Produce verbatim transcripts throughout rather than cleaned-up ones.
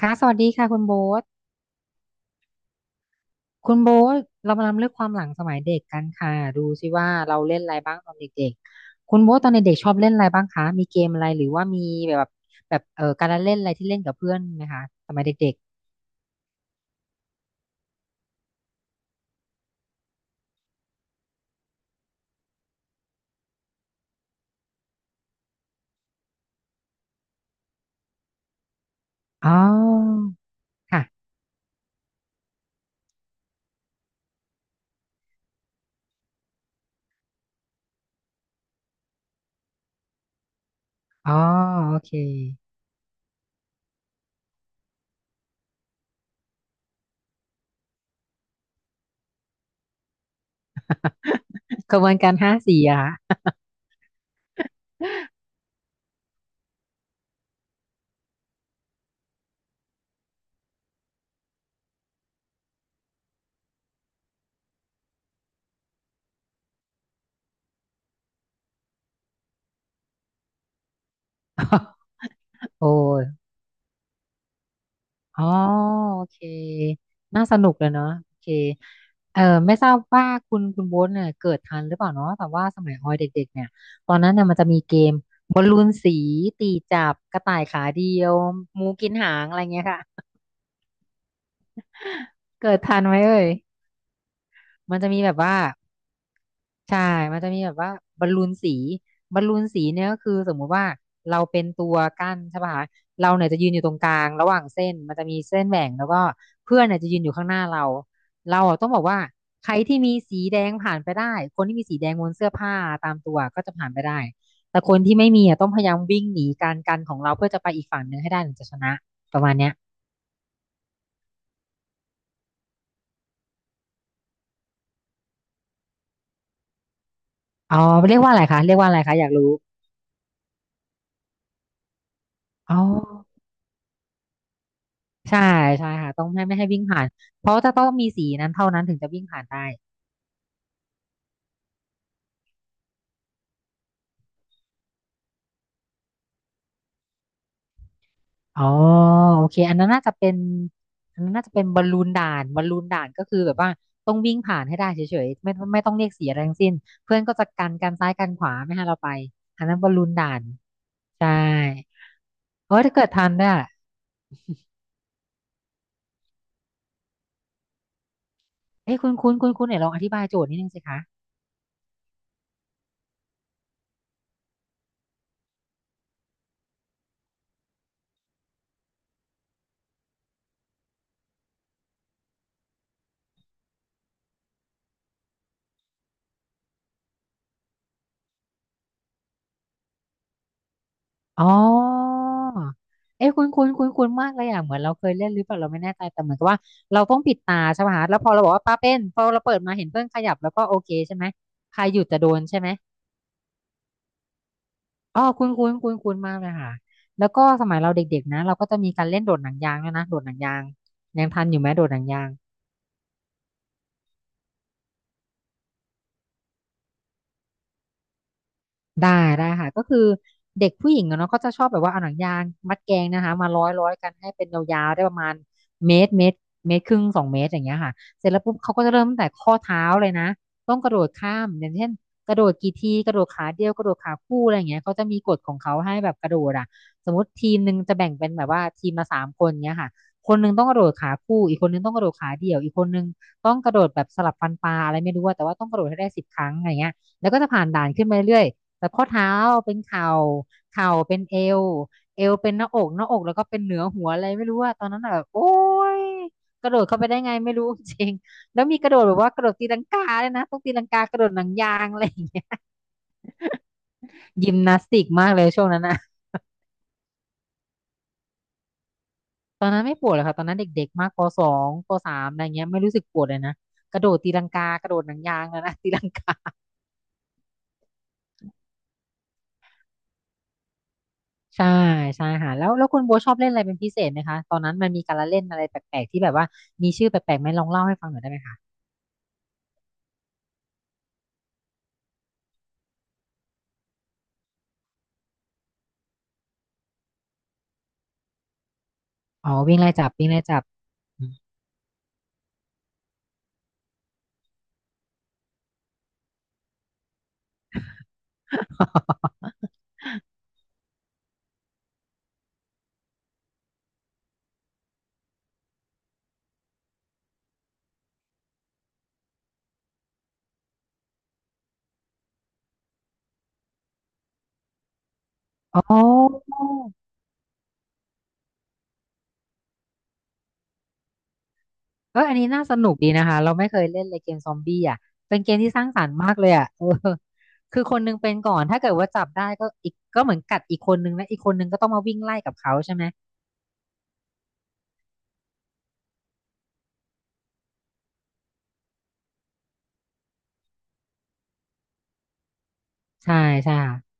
ค่ะสวัสดีค่ะคุณโบ๊ทคุณโบ๊ทเรามานำเรื่องความหลังสมัยเด็กกันค่ะดูสิว่าเราเล่นอะไรบ้างตอนเด็กๆคุณโบ๊ทตอนเด็กๆชอบเล่นอะไรบ้างคะมีเกมอะไรหรือว่ามีแบบแบบเอ่อการละเล่นอะไรที่เล่นกับเพื่อนไหมคะสมัยเด็กๆอ๋อค่ะอ๋อโอเค กระบวนการห้าสี่อะคะ โอ้ย อ๋อโอเคน่าสนุกเลยเนาะโอเคเออไม่ทราบว่าคุณคุณโบ๊ทเนี่ยเกิดทันหรือเปล่าเนาะแต่ว่าสมัยออยเด็กๆเนี่ยตอนนั้นเนี่ยมันจะมีเกมบอลลูนสีตีจับกระต่ายขาเดียวหมูกินหางอะไรเงี้ยค่ะเกิดทันไหมเอ่ย มันจะมีแบบว่าใช่มันจะมีแบบว่าบอลลูนสีบอลลูนสีเนี่ยก็คือสมมุติว่าเราเป็นตัวกั้นใช่ป่ะคะเราเนี่ยจะยืนอยู่ตรงกลางระหว่างเส้นมันจะมีเส้นแบ่งแล้วก็เพื่อนเนี่ยจะยืนอยู่ข้างหน้าเราเราอะต้องบอกว่าใครที่มีสีแดงผ่านไปได้คนที่มีสีแดงบนเสื้อผ้าตามตัวก็จะผ่านไปได้แต่คนที่ไม่มีอะต้องพยายามวิ่งหนีการกันของเราเพื่อจะไปอีกฝั่งหนึ่งให้ได้ถึงจะชนะประมาณเนี้ยอ๋อเรียกว่าอะไรคะเรียกว่าอะไรคะอยากรู้อ๋อ ใช่ใช่ค่ะต้องให้ไม่ให้วิ่งผ่านเพราะจะต้องมีสีนั้นเท่านั้นถึงจะวิ่งผ่านได้อ๋อโอเคอันนั้นน่าจะเป็นอันนั้นน่าจะเป็นบอลลูนด่านบอลลูนด่านก็คือแบบว่าต้องวิ่งผ่านให้ได้เฉยๆไม่ไม่ต้องเรียกเสียอะไรทั้งสิ้นเพื่อนก็จะกันกันซ้ายกันขวาไม่ให้เราไปอันนั้นบอลลูนด่านใช่เออถ้าเกิดทันเนี่ยเอ้ยคุณคุณคุณคุณเนี่ยลองอธิบายโจทย์นิดนึงสิคะ อ๋อเอ้คุ้นคุ้นคุ้นคุ้นมากเลยอ่ะเหมือนเราเคยเล่นหรือเปล่าเราไม่แน่ใจแต่เหมือนกับว่าเราต้องปิดตาใช่ป่ะฮะแล้วพอเราบอกว่าป้าเป็นพอเราเปิดมาเห็นเพื่อนขยับแล้วก็โอเคใช่ไหมใครหยุดจะโดนใช่ไหมอ๋อคุ้นคุ้นคุ้นคุ้นมากเลยค่ะแล้วก็สมัยเราเด็กๆนะเราก็จะมีการเล่นโดดหนังยางด้วยนะโดดหนังยางยังทันอยู่ไหมโดดหนังยาง ได้ได้ค่ะก็คือเด็กผู้หญิงอะเนาะก็จะชอบแบบว่าเอาหนังยางมัดแกงนะคะมาร้อยร้อยกันให้เป็นยาวๆได้ประมาณเมตรเมตรเมตรครึ่งสองเมตรอย่างเงี้ยค่ะเสร็จแล้วปุ๊บเขาก็จะเริ่มตั้งแต่ข้อเท้าเลยนะต้องกระโดดข้ามอย่างเช่นกระโดดกี่ทีกระโดดขาเดียวกระโดดขาคู่อะไรอย่างเงี้ยเขาจะมีกฎของเขาให้แบบกระโดดอ่ะสมมติทีมหนึ่งจะแบ่งเป็นแบบว่าทีมละสามคนเงี้ยค่ะคนหนึ่งต้องกระโดดขาคู่อีกคนหนึ่งต้องกระโดดขาเดี่ยวอีกคนหนึ่งต้องกระโดดแบบสลับฟันปลาอะไรไม่รู้ว่าแต่ว่าต้องกระโดดให้ได้สิบครั้งอะไรเงี้ยแล้วก็จะผ่านด่านขึ้นมาเรื่อย แบบข้อเท้าเป็นเข่าเข่าเป็นเอวเอวเป็นหน้าอกหน้าอกแล้วก็เป็นเหนือหัวอะไรไม่รู้อะตอนนั้นอะแบบโอ๊ยกระโดดเข้าไปได้ไงไม่รู้จริงแล้วมีกระโดดแบบว่ากระโดดตีลังกาเลยนะต้องตีลังกากระโดดหนังยางอะไรอย่างเงี้ยยิมนาสติกมากเลยช่วงนั้นอะตอนนั้นไม่ปวดเลยค่ะตอนนั้นเด็กๆมากปสองปสามอะไรเงี้ยไม่รู้สึกปวดเลยนะกระโดดตีลังกากระโดดหนังยางแล้วนะ ตีลังกาใช่ใช่ค่ะแล้วแล้วคุณโบทชอบเล่นอะไรเป็นพิเศษไหมคะตอนนั้นมันมีการละเล่นอะไรแปลกๆที่แบบว่ามีชื่อแปลกๆไหมลองเล่าให้ฟังหน่อยได้ไหมคะ อ๋อวิ่งไล่จับวิ่งไล่จับอม อ๋อเอออันนี้น่าสนุกดีนะคะเราไม่เคยเล่นเลยเกมซอมบี้อ่ะเป็นเกมที่สร้างสรรค์มากเลยอ่ะเออคือคนนึงเป็นก่อนถ้าเกิดว่าจับได้ก็อีกก็เหมือนกัดอีกคนนึงนะอีกคนนึงก็ต้องมาวิ่งไล่กับเขาใช่ไหมใช่ใช่ค่ะ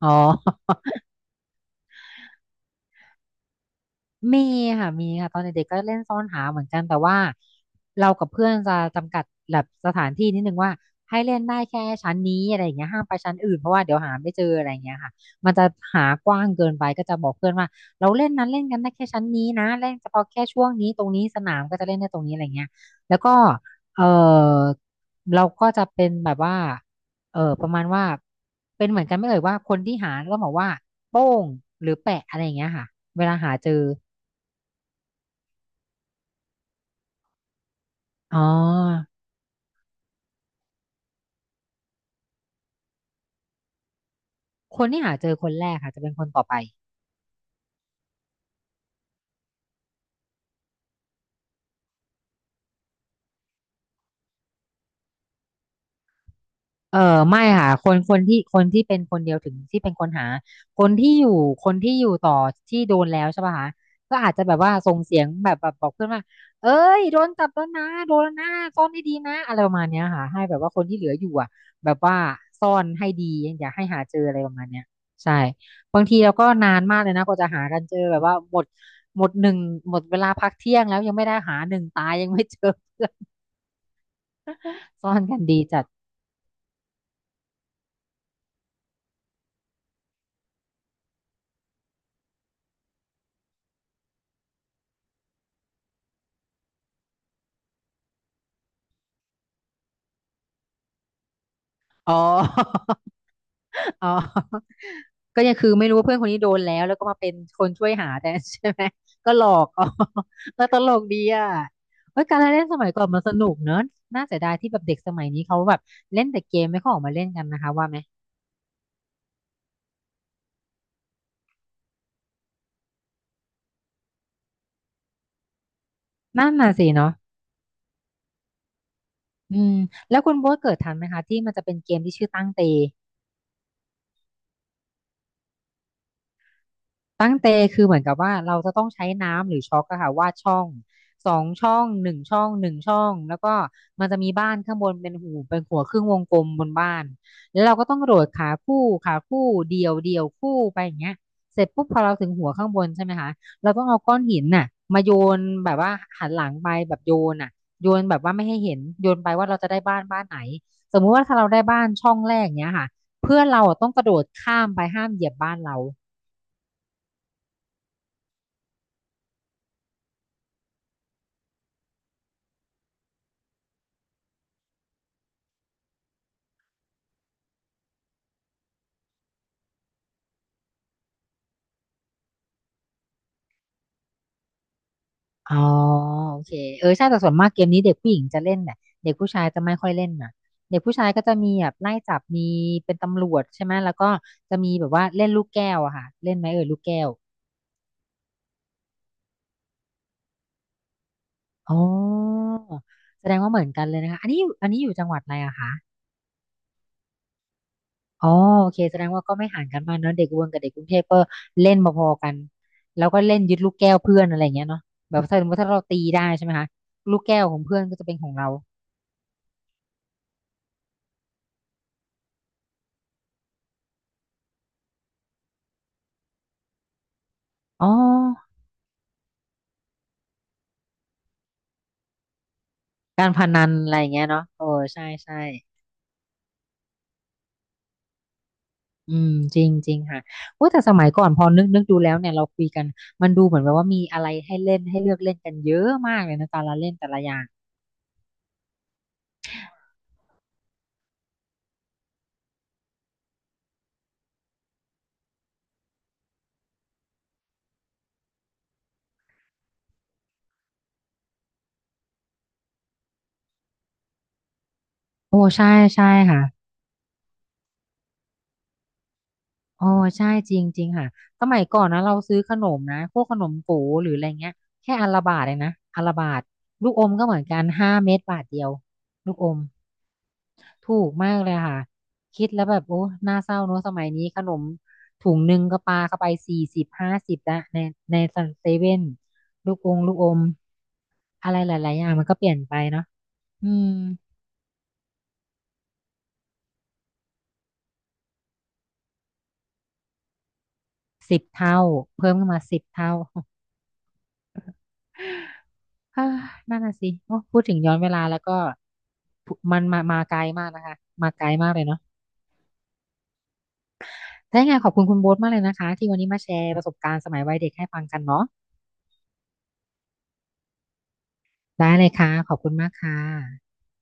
อ๋อ มีค่ะมีค่ะ ตอนเด็กๆก็เล่นซ่อนหาเหมือนกันแต่ว่าเรากับเพื่อนจะจำกัดแบบสถานที่นิดนึงว่าให้เล่นได้แค่ชั้นนี้อะไรอย่างเงี้ยห้ามไปชั้นอื่นเพราะว่าเดี๋ยวหาไม่เจออะไรอย่างเงี้ยค่ะมันจะหากว้างเกินไปก็จะบอกเพื่อนว่าเราเล่นนั้นเล่นกันได้แค่ชั้นนี้นะเล่นเฉพาะแค่ช่วงนี้ตรงนี้สนามก็จะเล่นได้ตรงนี้อะไรเงี้ยแล้วก็เออเราก็จะเป็นแบบว่าเออประมาณว่าเป็นเหมือนกันไม่เอ่ยว่าคนที่หาต้องบอกว่าโป้งหรือแปะอะไรอย่างเงี้ยค่ะเวลาหาเจอ อ๋อคนที่หาเจอคนแรกค่ะจะเป็นคนต่อไปเออไม่ค่ะคนคนที่คนที่เป็นคนเดียวถึงที่เป็นคนหาคนที่อยู่คนที่อยู่ต่อที่โดนแล้วใช่ป่ะคะก็อาจจะแบบว่าส่งเสียงแบบแบบบอกเพื่อนว่าเอ้ยโดนจับแล้วนะโดนแล้วนะซ่อนให้ดีนะอะไรประมาณเนี้ยค่ะให้แบบว่าคนที่เหลืออยู่อ่ะแบบว่าซ่อนให้ดีอย่าให้หาเจออะไรประมาณเนี้ยใช่บางทีเราก็นานมากเลยนะกว่าจะหากันเจอแบบว่าหมดหมดหนึ่งหมดเวลาพักเที่ยงแล้วยังไม่ได้หาหนึ่งตายยังไม่เจอ ซ่อนกันดีจัดอ๋อ อ๋อก็ยังคือไม่รู้ว่าเพื่อนคนนี้โดนแล้วแล้วก็มาเป็นคนช่วยหาแต่ใช่ไหม ก็หลอกอ๋อ ก็ตลกดีอ่ะเฮ้ยการเล่นสมัยก่อนมันสนุกเนอะน่าเสียดายที่แบบเด็กสมัยนี้เขาแบบเล่นแต่เกมไม่ค่อยออกมาเล่นกันนะคะว่าไหมนั่นน่ะสิเนาะอืมแล้วคุณโบ๊ทเกิดทันไหมคะที่มันจะเป็นเกมที่ชื่อตั้งเต ตั้งเตคือเหมือนกับว่าเราจะต้องใช้น้ำหรือช็อกอะค่ะวาดช่องสองช่องหนึ่งช่องหนึ่งช่องแล้วก็มันจะมีบ้านข้างบนเป็นหูเป็นหัวครึ่งวงกลมบนบ้านแล้วเราก็ต้องโดดขาคู่ขาคู่เดี่ยวเดี่ยวคู่ไปอย่างเงี้ยเสร็จปุ๊บพอเราถึงหัวข้างบนใช่ไหมคะเราต้องเอาก้อนหินน่ะมาโยนแบบว่าหันหลังไปแบบโยนน่ะโยนแบบว่าไม่ให้เห็นโยนไปว่าเราจะได้บ้านบ้านไหนสมมุติว่าถ้าเราได้บ้านช่องแรกเนี้ยค่ะเพื่อนเราอะต้องกระโดดข้ามไปห้ามเหยียบบ้านเรา อ๋อโอเคเออใช่แต่ส่วนมากเกมนี้เด็กผู้หญิงจะเล่นแหละเด็กผู้ชายจะไม่ค่อยเล่นน่ะเด็กผู้ชายก็จะมีแบบไล่จับมีเป็นตำรวจใช่ไหมแล้วก็จะมีแบบว่าเล่นลูกแก้วอะค่ะเล่นไหมเออลูกแก้วอ๋อแสดงว่าเหมือนกันเลยนะคะอันนี้อยู่อันนี้อยู่จังหวัดอะไรอะคะอ๋อโอเคแสดงว่าก็ไม่ห่างกันมากเนอะเด็กอุบลกับเด็กกรุงเทพก็เล่นพอๆกันแล้วก็เล่นยึดลูกแก้วเพื่อนอะไรอย่างเงี้ยเนาะแบบถ้าสมมติถ้าเราตีได้ใช่ไหมคะลูกแก้วของเพื่อนก็จะเป็นของเราอ๋อ การพนันอะไรอย่างเงี้ยเนาะโอ้ใช่ใช่อืมจริงจริงค่ะโอ้แต่สมัยก่อนพอนึกนึกดูแล้วเนี่ยเราคุยกันมันดูเหมือนแบบว่ามีอะไรให้เล่นให้เลือกเล่นกันเยอะมากเลยนะแต่ละเล่นแต่ละอย่างโอ้ใช่ใช่ค่ะโอ้ใช่จริงจริงค่ะสมัยก่อนนะเราซื้อขนมนะพวกขนมโก๋หรืออะไรเงี้ยแค่อันละบาทเองนะอันละบาทลูกอมก็เหมือนกันห้าเม็ดบาทเดียวลูกอม ถูกมากเลยค่ะคิดแล้วแบบโอ้น่าเศร้าเนอะสมัยนี้ขนมถุงหนึ่งก็ปาเข้าไปสี่สิบห้าสิบละในในเซเว่นลูกองลูกอมอะไรหลายๆอย่างมันก็เปลี่ยนไปเนาะอืมสิบเท่าเพิ่มขึ้นมาสิบเท่า ฮ่านั่นน่ะสิโอ้พูดถึงย้อนเวลาแล้วก็พูมันมามาไกลมากนะคะมาไกลมากเลยเนาะถ้ายังไงขอบคุณคุณโบ๊ทมากเลยนะคะที่วันนี้มาแชร์ประสบการณ์สมัยวัยเด็กให้ฟังกันเนาะได้เลยค่ะขอบคุณมากค่ะ